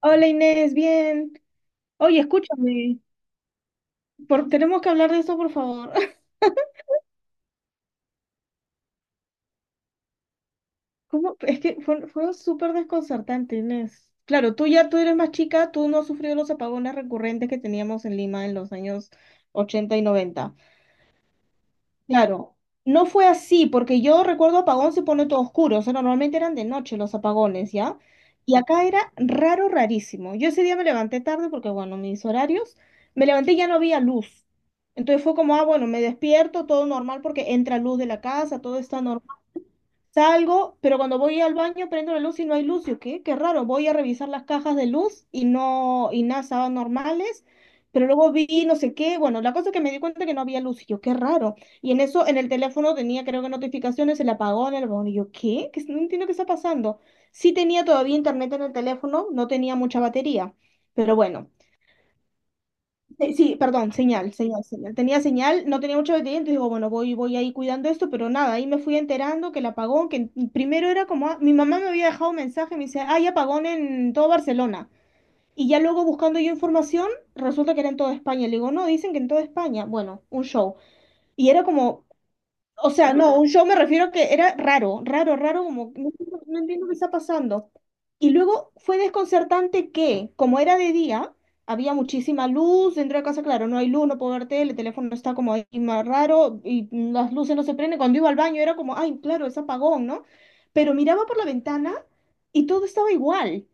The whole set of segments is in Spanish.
Hola Inés, bien. Oye, escúchame, tenemos que hablar de eso, por favor. ¿Cómo? Es que fue súper desconcertante, Inés. Claro, tú eres más chica, tú no has sufrido los apagones recurrentes que teníamos en Lima en los años 80 y 90. Claro, no fue así, porque yo recuerdo apagón se pone todo oscuro, o sea, normalmente eran de noche los apagones, ¿ya? Y acá era raro, rarísimo. Yo ese día me levanté tarde porque, bueno, mis horarios, me levanté y ya no había luz. Entonces fue como, ah, bueno, me despierto, todo normal porque entra luz de la casa, todo está normal. Salgo, pero cuando voy al baño prendo la luz y no hay luz. Yo, ¿qué? Qué raro. Voy a revisar las cajas de luz y no, y nada, estaban normales. Pero luego vi no sé qué. Bueno, la cosa es que me di cuenta que no había luz. Y yo, qué raro. Y en eso, en el teléfono tenía, creo que notificaciones, el apagón, el apagón. Y yo, ¿qué? ¿Qué? No entiendo qué está pasando. Sí tenía todavía internet en el teléfono, no tenía mucha batería. Pero bueno. Sí, sí, perdón, señal, señal, señal. Tenía señal, no tenía mucha batería, entonces digo, bueno, voy ahí cuidando esto, pero nada, ahí me fui enterando que el apagón, que primero era como, ah, mi mamá me había dejado un mensaje, me dice, hay apagón en todo Barcelona. Y ya luego buscando yo información, resulta que era en toda España. Le digo, no, dicen que en toda España. Bueno, un show. Y era como, o sea, no, un show me refiero que era raro, raro, raro, como no, entiendo qué está pasando. Y luego fue desconcertante que, como era de día, había muchísima luz dentro de casa, claro, no hay luz, no puedo ver tele, el teléfono está como ahí más raro y las luces no se prenden. Cuando iba al baño era como, ay, claro, es apagón, ¿no? Pero miraba por la ventana y todo estaba igual.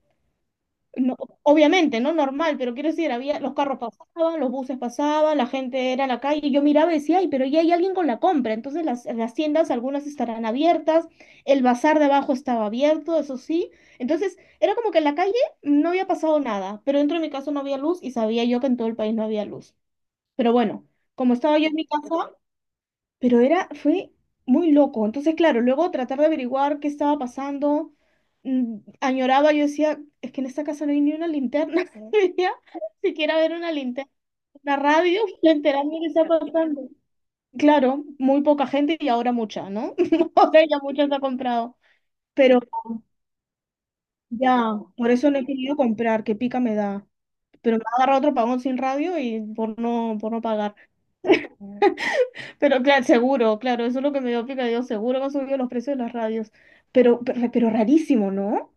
No, obviamente, ¿no? Normal, pero quiero decir, había, los carros pasaban, los buses pasaban, la gente era en la calle, y yo miraba y decía, ay, pero ya hay alguien con la compra, entonces las tiendas, algunas estarán abiertas, el bazar de abajo estaba abierto, eso sí, entonces era como que en la calle no había pasado nada, pero dentro de mi casa no había luz y sabía yo que en todo el país no había luz, pero bueno, como estaba yo en mi casa, pero era, fue muy loco. Entonces, claro, luego tratar de averiguar qué estaba pasando, añoraba, yo decía, es que en esta casa no hay ni una linterna. Decía, siquiera ver una linterna, una radio, para enterarme de qué está pasando. Claro, muy poca gente y ahora mucha, ¿no? O sea, ya mucha se ha comprado. Pero ya, por eso no he querido comprar, que pica me da. Pero me ha agarrado otro pagón sin radio y por no pagar. Pero claro, seguro, claro, eso es lo que me dio picadillo, seguro que han subido los precios de las radios. Pero rarísimo, ¿no?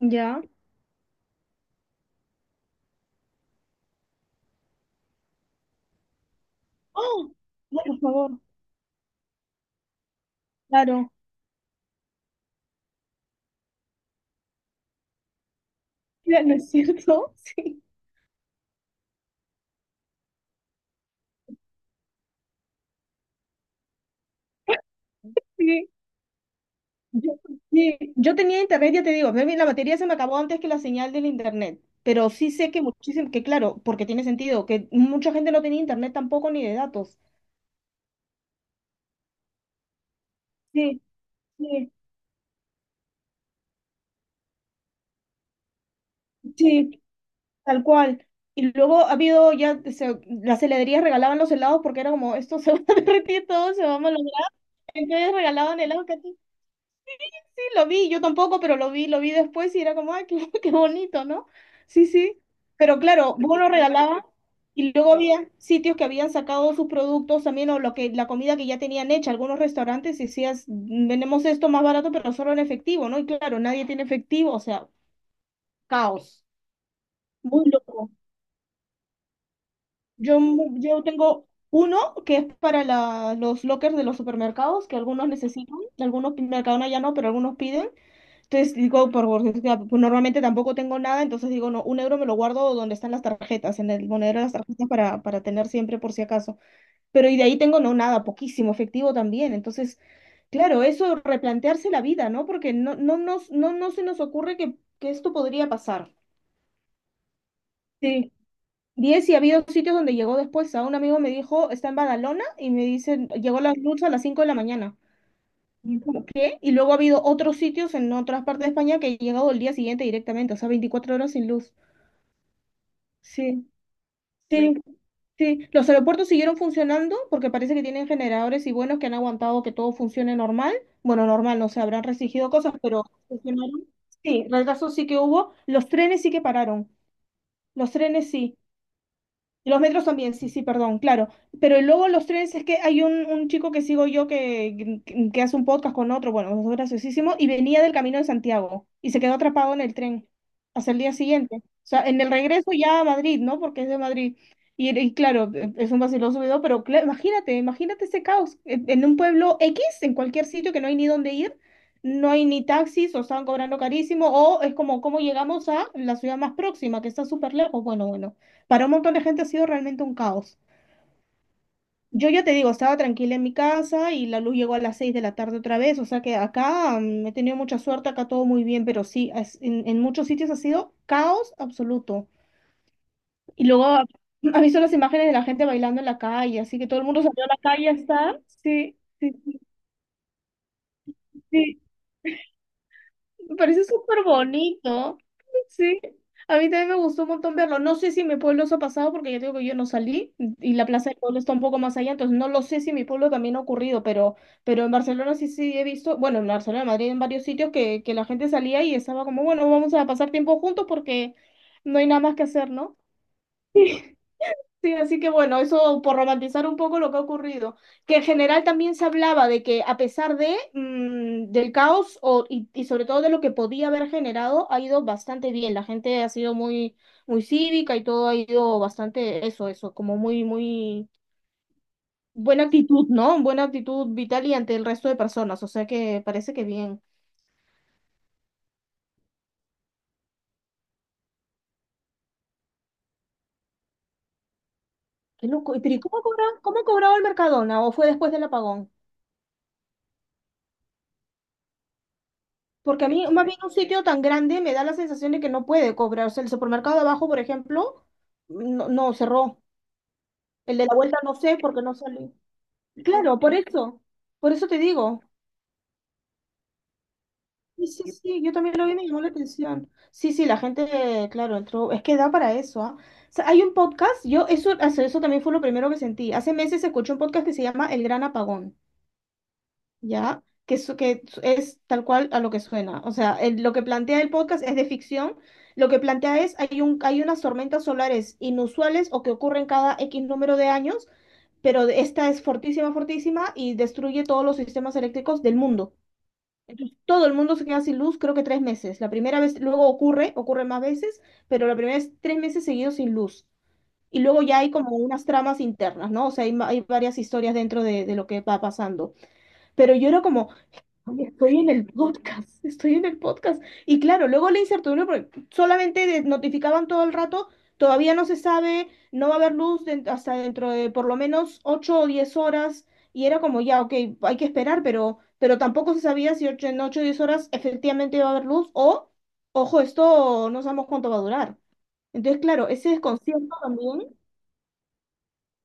Ya. ¡Oh! No, por favor, claro. Ya, ¿no es cierto? Sí, sí. Yo, sí. Yo tenía internet, ya te digo, la batería se me acabó antes que la señal del internet. Pero sí sé que muchísimo, que claro, porque tiene sentido, que mucha gente no tenía internet tampoco ni de datos. Sí, sí, sí, tal cual. Y luego ha habido ya, o sea, las heladerías regalaban los helados porque era como, esto se va a derretir todo, se va a malograr. Entonces regalaban helados que sí, lo vi, yo tampoco, pero lo vi después y era como, ay, qué, qué bonito, ¿no? Sí, sí. Pero claro, vos lo regalabas y luego había sitios que habían sacado sus productos también o lo que, la comida que ya tenían hecha. Algunos restaurantes decías, "Mm, vendemos esto más barato, pero solo en efectivo, ¿no?". Y claro, nadie tiene efectivo, o sea, caos. Muy loco. Yo, yo tengo uno que es para los lockers de los supermercados, que algunos necesitan, Mercadona ya no, pero algunos piden. Entonces digo, por gordura, pues normalmente tampoco tengo nada, entonces digo, no, un euro me lo guardo donde están las tarjetas, en el monedero de las tarjetas para tener siempre por si acaso. Pero y de ahí tengo no nada, poquísimo, efectivo también. Entonces, claro, eso replantearse la vida, ¿no? Porque no, no, no, no se nos ocurre que esto podría pasar. 10, y ha habido sitios donde llegó después. A un amigo me dijo, está en Badalona y me dice, llegó la luz a las 5 de la mañana. Y yo como, ¿qué? Y luego ha habido otros sitios en otras partes de España que he llegado el día siguiente directamente, o sea, 24 horas sin luz. Sí, sí, sí. Los aeropuertos siguieron funcionando porque parece que tienen generadores y buenos que han aguantado que todo funcione normal. Bueno, normal, no se habrán restringido cosas, pero funcionaron. Sí, retrasos sí que hubo. Los trenes sí que pararon. Los trenes sí. Los metros también, sí, sí, perdón, claro. Pero luego los trenes es que hay un chico que sigo yo que hace un podcast con otro, bueno, es graciosísimo, y venía del Camino de Santiago y se quedó atrapado en el tren hasta el día siguiente. O sea, en el regreso ya a Madrid, ¿no? Porque es de Madrid. Y claro, e, es un vaciloso video, pero imagínate, imagínate ese caos. En un pueblo X, en cualquier sitio que no hay ni dónde ir, no hay ni taxis, o estaban cobrando carísimo, o es como, ¿cómo llegamos a la ciudad más próxima, que está súper lejos? Bueno, bueno, para un montón de gente ha sido realmente un caos. Yo ya te digo, estaba tranquila en mi casa y la luz llegó a las 6 de la tarde otra vez, o sea que acá he tenido mucha suerte, acá todo muy bien, pero sí, en muchos sitios ha sido caos absoluto. Y luego ha visto las imágenes de la gente bailando en la calle, así que todo el mundo salió a la calle a estar. Sí, sí, sí. Sí. Me parece súper bonito. Sí. A mí también me gustó un montón verlo. No sé si en mi pueblo se ha pasado porque yo digo que yo no salí y la plaza del pueblo está un poco más allá, entonces no lo sé si en mi pueblo también ha ocurrido, pero en Barcelona sí sí he visto, bueno, en Barcelona, Madrid, en varios sitios que la gente salía y estaba como, bueno, vamos a pasar tiempo juntos porque no hay nada más que hacer, ¿no? Sí, así que bueno, eso por romantizar un poco lo que ha ocurrido, que en general también se hablaba de que a pesar de del caos o, y sobre todo de lo que podía haber generado, ha ido bastante bien. La gente ha sido muy, muy cívica y todo ha ido bastante eso, eso, como muy, muy buena actitud, ¿no? Buena actitud vital y ante el resto de personas. O sea que parece que bien. Qué loco. ¿Y pero, y cómo cobraba el Mercadona? ¿O fue después del apagón? Porque a mí, más bien un sitio tan grande me da la sensación de que no puede cobrar. O sea, el supermercado de abajo, por ejemplo, no, no cerró. El de la vuelta no sé porque no salió. Claro, por eso. Por eso te digo. Sí, sí, sí, yo también lo vi, me llamó la atención. Sí, sí, la gente, claro, entró. Es que da para eso, ¿ah? O sea, hay un podcast, yo, eso también fue lo primero que sentí. Hace meses escuché un podcast que se llama El Gran Apagón. ¿Ya? Que es tal cual a lo que suena. O sea, lo que plantea el podcast es de ficción. Lo que plantea es, hay unas tormentas solares inusuales o que ocurren cada X número de años, pero esta es fortísima, fortísima y destruye todos los sistemas eléctricos del mundo. Entonces, todo el mundo se queda sin luz, creo que 3 meses. La primera vez, luego ocurre más veces, pero la primera es 3 meses seguidos sin luz. Y luego ya hay como unas tramas internas, ¿no? O sea, hay, hay varias historias dentro de lo que va pasando. Pero yo era como, oye, estoy en el podcast, estoy en el podcast. Y claro, luego la incertidumbre, porque solamente notificaban todo el rato, todavía no se sabe, no va a haber luz hasta dentro de por lo menos 8 o 10 horas, y era como ya, ok, hay que esperar, pero tampoco se sabía si en 8 o 10 horas efectivamente iba a haber luz o, ojo, esto no sabemos cuánto va a durar. Entonces, claro, ese desconcierto también.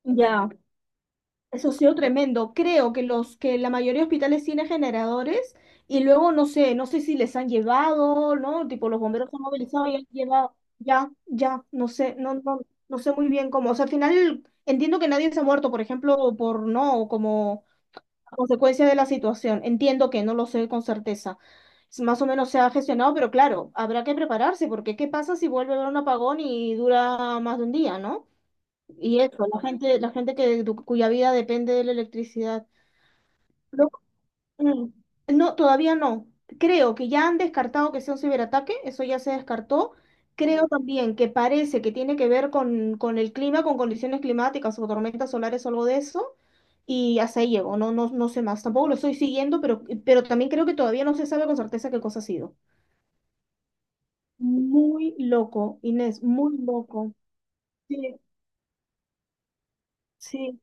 Ya. Eso ha sido tremendo. Creo que los que la mayoría de hospitales tienen generadores y luego no sé, no sé si les han llevado, ¿no? Tipo los bomberos se han movilizado y han llevado. Ya, ya, no sé, no, no, no sé muy bien cómo. O sea, al final entiendo que nadie se ha muerto, por ejemplo, por no, como a consecuencia de la situación. Entiendo que no lo sé con certeza. Es más o menos se ha gestionado, pero claro, habrá que prepararse, porque ¿qué pasa si vuelve a haber un apagón y dura más de un día, ¿no? Y eso, la gente que, cuya vida depende de la electricidad. No, mm, no, todavía no. Creo que ya han descartado que sea un ciberataque, eso ya se descartó. Creo también que parece que tiene que ver con el clima, con condiciones climáticas o tormentas solares o algo de eso. Y hasta ahí llego, no, no, no sé más. Tampoco lo estoy siguiendo, pero también creo que todavía no se sabe con certeza qué cosa ha sido. Muy loco, Inés, muy loco. Sí, sí.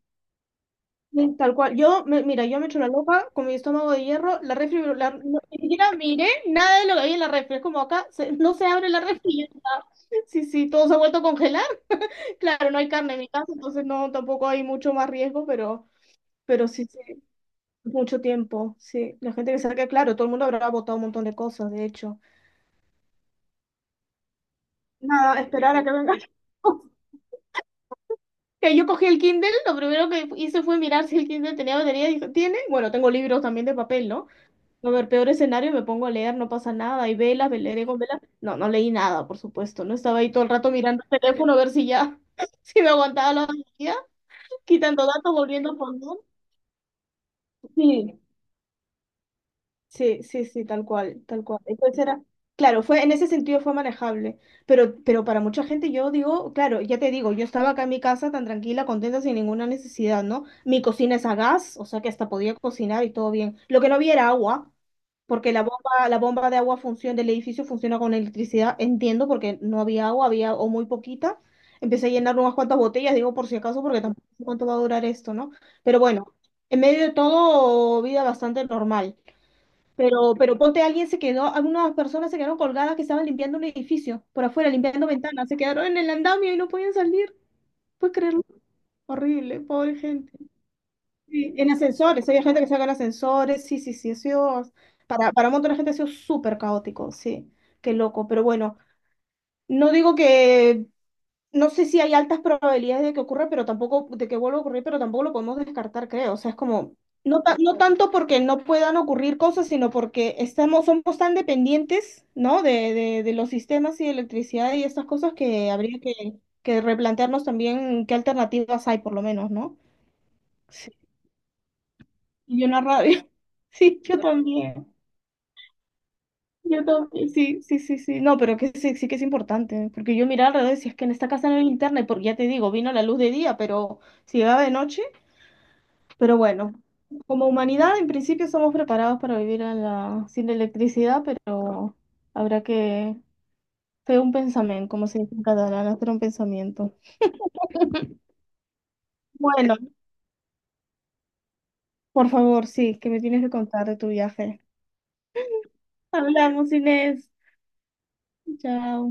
Sí, tal cual. Yo, mira, yo me echo una loca con mi estómago de hierro, la refri, ni siquiera miré nada de lo que había en la refri. Es como acá, no se abre la refri y ya está. Sí, sí, todo se ha vuelto a congelar. Claro, no hay carne en mi casa, entonces no, tampoco hay mucho más riesgo, pero sí, sí, mucho tiempo. Sí, la gente que saque, claro, todo el mundo habrá botado un montón de cosas, de hecho. Nada, esperar a que venga. Que yo cogí el Kindle, lo primero que hice fue mirar si el Kindle tenía batería, y dije, ¿tiene? Bueno, tengo libros también de papel, ¿no? A ver, peor escenario, me pongo a leer, no pasa nada. Y velas, leeré con velas. No, no leí nada, por supuesto. No estaba ahí todo el rato mirando el teléfono a ver si ya, si me aguantaba la batería, quitando datos, volviendo a poner. Sí. Sí, sí, sí, tal cual, tal cual. Entonces era, claro, fue, en ese sentido fue manejable, pero para mucha gente yo digo, claro, ya te digo, yo estaba acá en mi casa tan tranquila, contenta, sin ninguna necesidad, ¿no? Mi cocina es a gas, o sea que hasta podía cocinar y todo bien. Lo que no había era agua, porque la bomba de agua funciona, del edificio funciona con electricidad, entiendo, porque no había agua, había o muy poquita. Empecé a llenar unas cuantas botellas, digo por si acaso, porque tampoco sé cuánto va a durar esto, ¿no? Pero bueno, en medio de todo, vida bastante normal. Pero ponte, alguien se quedó, algunas personas se quedaron colgadas que estaban limpiando un edificio por afuera, limpiando ventanas, se quedaron en el andamio y no podían salir. ¿Puedes creerlo? Horrible, pobre gente. Sí, en ascensores, había gente que se en ascensores, sí, sí, sí, ha sido, para un montón de gente ha sido súper caótico, sí, qué loco. Pero bueno, no digo que no sé si hay altas probabilidades de que ocurra, pero tampoco, de que vuelva a ocurrir, pero tampoco lo podemos descartar, creo. O sea, es como, no, no tanto porque no puedan ocurrir cosas, sino porque estamos, somos tan dependientes, ¿no? De los sistemas y de electricidad y estas cosas que habría que replantearnos también qué alternativas hay, por lo menos, ¿no? Sí. Y una rabia. Sí, yo también. Yo también. Sí, sí, sí, sí. No, pero que sí, sí que es importante, porque yo miraba alrededor y decía, es que en esta casa no hay internet, porque ya te digo, vino la luz de día, pero si llegaba de noche. Pero bueno, como humanidad en principio somos preparados para vivir en sin electricidad, pero habrá que hacer un pensamiento, como se dice en catalán, hacer un pensamiento. Bueno, por favor, sí, que me tienes que contar de tu viaje. Hablamos, Inés. Chao.